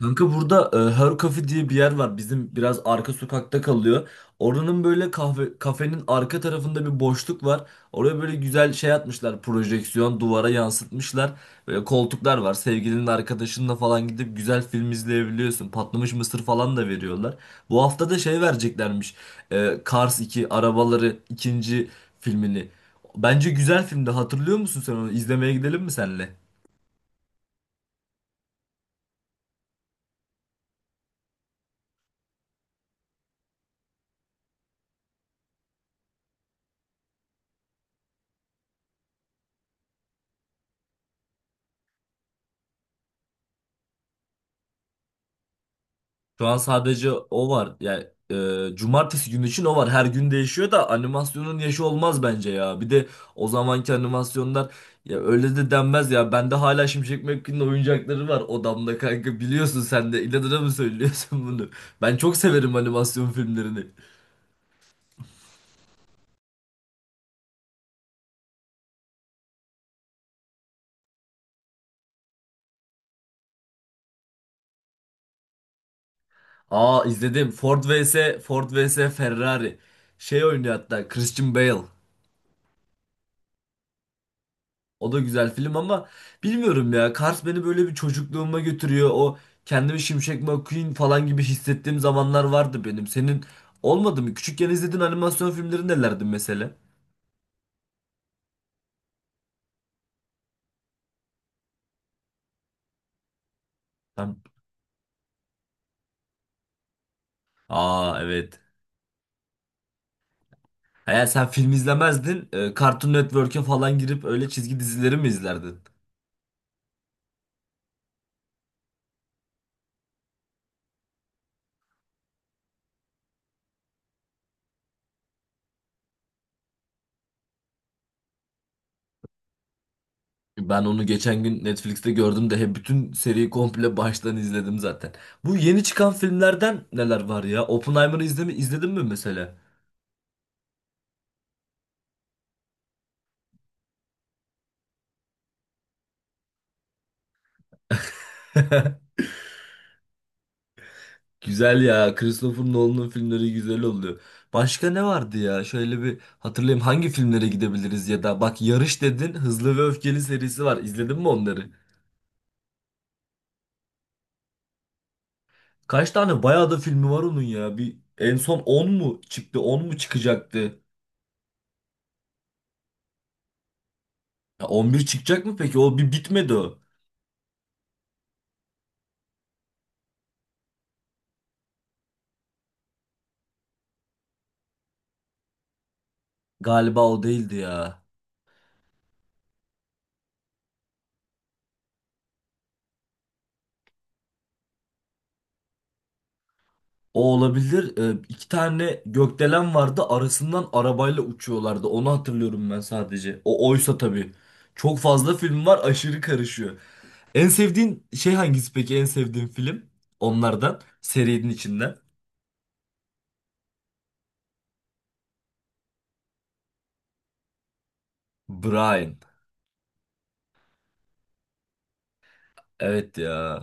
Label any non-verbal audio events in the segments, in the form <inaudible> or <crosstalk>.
Kanka burada Her Cafe diye bir yer var. Bizim biraz arka sokakta kalıyor. Oranın böyle kahve kafenin arka tarafında bir boşluk var. Oraya böyle güzel şey atmışlar. Projeksiyon duvara yansıtmışlar. Böyle koltuklar var. Sevgilinin arkadaşınla falan gidip güzel film izleyebiliyorsun. Patlamış mısır falan da veriyorlar. Bu hafta da şey vereceklermiş. Cars iki Arabaları ikinci filmini. Bence güzel filmdi. Hatırlıyor musun sen onu? İzlemeye gidelim mi senle? Şu an sadece o var. Yani cumartesi günü için o var. Her gün değişiyor da animasyonun yaşı olmaz bence ya. Bir de o zamanki animasyonlar ya öyle de denmez ya. Bende hala Şimşek McQueen'in oyuncakları var odamda kanka. Biliyorsun sen de. İnadına mı söylüyorsun bunu? Ben çok severim animasyon filmlerini. Aa izledim. Ford vs Ferrari. Şey oynuyor hatta Christian Bale. O da güzel film ama bilmiyorum ya. Cars beni böyle bir çocukluğuma götürüyor. O kendimi Şimşek McQueen falan gibi hissettiğim zamanlar vardı benim. Senin olmadı mı? Küçükken izlediğin animasyon filmleri nelerdi mesela? Sen- Aa, evet. Eğer sen film izlemezdin, Cartoon Network'e falan girip öyle çizgi dizileri mi izlerdin? Ben onu geçen gün Netflix'te gördüm de hep bütün seriyi komple baştan izledim zaten. Bu yeni çıkan filmlerden neler var ya? Oppenheimer'ı izledin mi mesela? <laughs> Güzel ya. Christopher Nolan'ın filmleri güzel oluyor. Başka ne vardı ya? Şöyle bir hatırlayayım hangi filmlere gidebiliriz ya da bak Yarış dedin Hızlı ve Öfkeli serisi var. İzledin mi onları? Kaç tane bayağı da filmi var onun ya. Bir en son on mu çıktı? On mu çıkacaktı? Ya 11 çıkacak mı peki? O bir bitmedi o. Galiba o değildi ya. O olabilir. İki tane gökdelen vardı. Arasından arabayla uçuyorlardı. Onu hatırlıyorum ben sadece. O oysa tabii. Çok fazla film var, aşırı karışıyor. En sevdiğin şey hangisi peki? En sevdiğin film? Onlardan. Serinin içinden. Brian. Evet ya.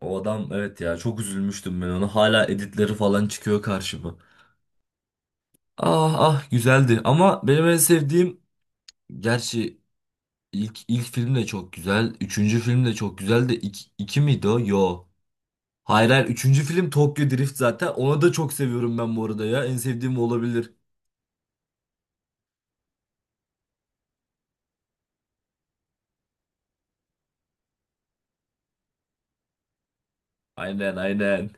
O adam, evet ya. Çok üzülmüştüm ben ona. Hala editleri falan çıkıyor karşıma. Ah ah güzeldi. Ama benim en sevdiğim, gerçi ilk film de çok güzel. Üçüncü film de çok güzel de iki miydi o? Yo. Hayır, hayır. Üçüncü film Tokyo Drift zaten. Onu da çok seviyorum ben bu arada ya. En sevdiğim o olabilir. Aynen, aynen.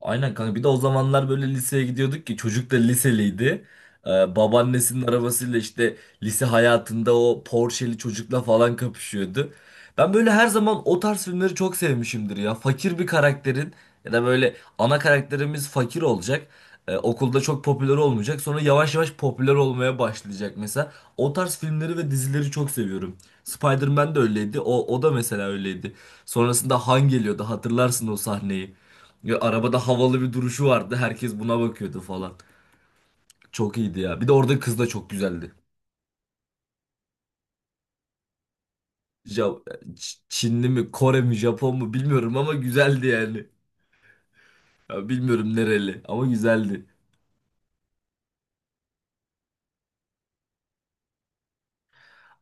Aynen kanka, bir de o zamanlar böyle liseye gidiyorduk ki çocuk da liseliydi. Ee, babaannesinin arabasıyla işte lise hayatında o Porsche'li çocukla falan kapışıyordu. Ben böyle her zaman o tarz filmleri çok sevmişimdir ya. Fakir bir karakterin, ya da böyle ana karakterimiz fakir olacak. Okulda çok popüler olmayacak. Sonra yavaş yavaş popüler olmaya başlayacak mesela. O tarz filmleri ve dizileri çok seviyorum. Spider-Man de öyleydi. O da mesela öyleydi. Sonrasında Han geliyordu. Hatırlarsın o sahneyi. Ya arabada havalı bir duruşu vardı. Herkes buna bakıyordu falan. Çok iyiydi ya. Bir de orada kız da çok güzeldi. Ja Çinli mi, Kore mi, Japon mu bilmiyorum ama güzeldi yani. Ya bilmiyorum nereli ama güzeldi.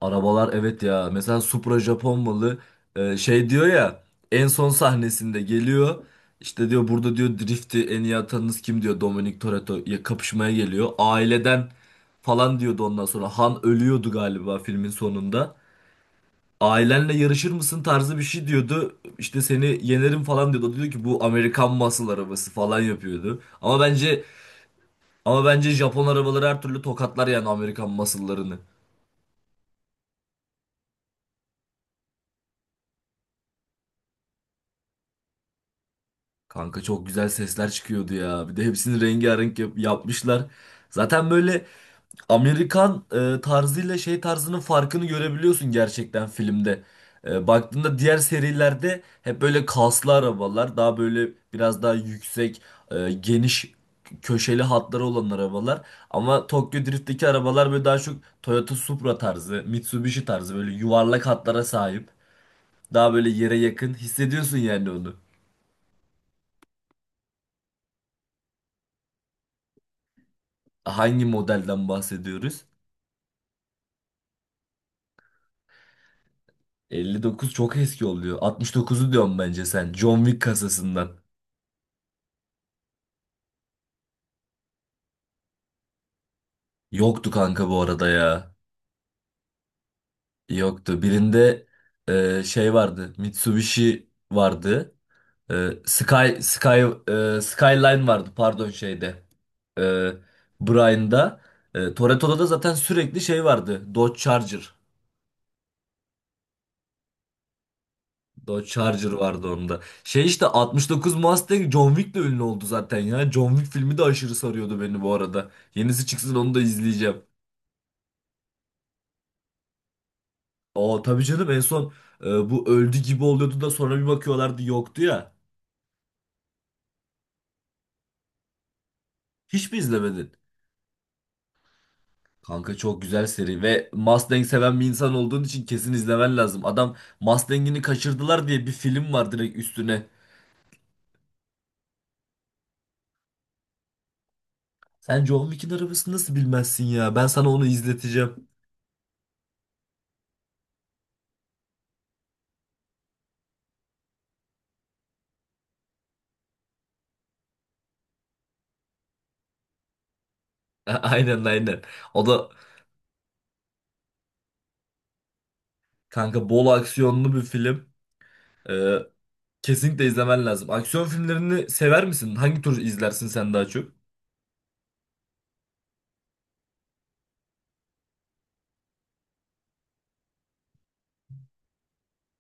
Arabalar, evet ya. Mesela Supra Japon malı. Şey diyor ya en son sahnesinde geliyor. İşte diyor burada, diyor drift'i en iyi atanınız kim diyor, Dominic Toretto ya kapışmaya geliyor. Aileden falan diyordu ondan sonra. Han ölüyordu galiba filmin sonunda. Ailenle yarışır mısın tarzı bir şey diyordu. İşte seni yenerim falan diyordu. O da diyor ki, bu Amerikan muscle arabası falan yapıyordu. Ama bence Japon arabaları her türlü tokatlar yani Amerikan muscle'larını. Kanka çok güzel sesler çıkıyordu ya. Bir de hepsini rengarenk yapmışlar. Zaten böyle Amerikan tarzıyla şey tarzının farkını görebiliyorsun gerçekten filmde. Baktığında diğer serilerde hep böyle kaslı arabalar, daha böyle biraz daha yüksek, geniş köşeli hatları olan arabalar. Ama Tokyo Drift'teki arabalar böyle daha çok Toyota Supra tarzı, Mitsubishi tarzı böyle yuvarlak hatlara sahip. Daha böyle yere yakın hissediyorsun yani onu. Hangi modelden bahsediyoruz? 59 çok eski oluyor. 69'u diyorum bence sen. John Wick kasasından. Yoktu kanka bu arada ya. Yoktu. Birinde şey vardı. Mitsubishi vardı. E, Sky Sky Skyline vardı pardon şeyde. E, Brian'da. Toretto'da da zaten sürekli şey vardı. Dodge Charger. Dodge Charger vardı onda. Şey işte 69 Mustang John Wick de ünlü oldu zaten ya. John Wick filmi de aşırı sarıyordu beni bu arada. Yenisi çıksın onu da izleyeceğim. Aa tabii canım, en son bu öldü gibi oluyordu da sonra bir bakıyorlardı yoktu ya. Hiç mi izlemedin? Kanka çok güzel seri ve Mustang seven bir insan olduğun için kesin izlemen lazım. Adam Mustang'ini kaçırdılar diye bir film var direkt üstüne. Sen John Wick'in arabasını nasıl bilmezsin ya? Ben sana onu izleteceğim. <laughs> Aynen, aynen. O da Kanka, bol aksiyonlu bir film. Ee, kesinlikle izlemen lazım. Aksiyon filmlerini sever misin? Hangi tür izlersin sen daha çok?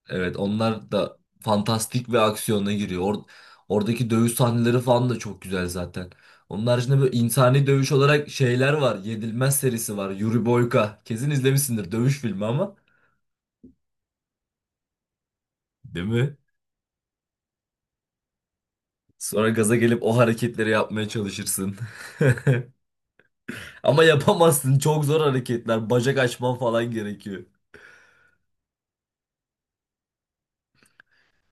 Evet, onlar da fantastik ve aksiyona giriyor. Oradaki dövüş sahneleri falan da çok güzel zaten. Onun haricinde böyle insani dövüş olarak şeyler var. Yedilmez serisi var. Yuri Boyka. Kesin izlemişsindir, dövüş filmi ama. Değil mi? Sonra gaza gelip o hareketleri yapmaya çalışırsın. <laughs> Ama yapamazsın. Çok zor hareketler. Bacak açman falan gerekiyor.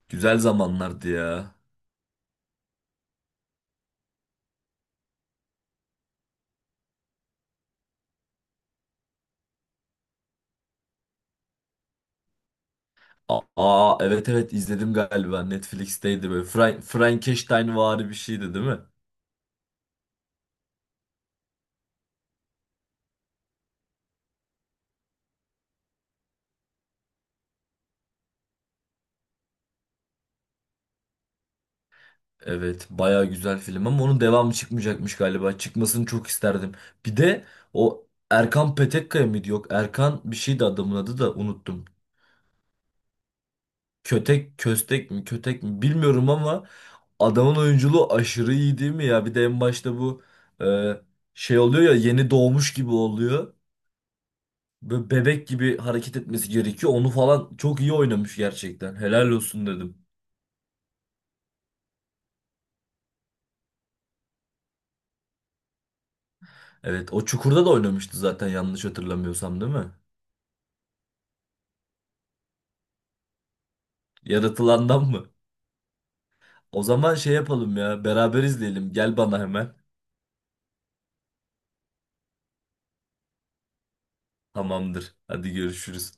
Güzel zamanlardı ya. Aa, evet, evet, izledim galiba. Netflix'teydi, böyle Frankensteinvari bir şeydi değil mi? Evet, baya güzel film ama onun devamı çıkmayacakmış galiba. Çıkmasını çok isterdim. Bir de o Erkan Petekkaya mıydı? Yok, Erkan bir şeydi adamın adı, da unuttum. Kötek köstek mi, kötek mi bilmiyorum ama adamın oyunculuğu aşırı iyi değil mi ya? Bir de en başta bu e, şey oluyor ya, yeni doğmuş gibi oluyor. Böyle bebek gibi hareket etmesi gerekiyor. Onu falan çok iyi oynamış gerçekten. Helal olsun dedim. Evet, o Çukur'da da oynamıştı zaten, yanlış hatırlamıyorsam değil mi? Yaratılandan mı? O zaman şey yapalım ya, beraber izleyelim. Gel bana hemen. Tamamdır. Hadi görüşürüz.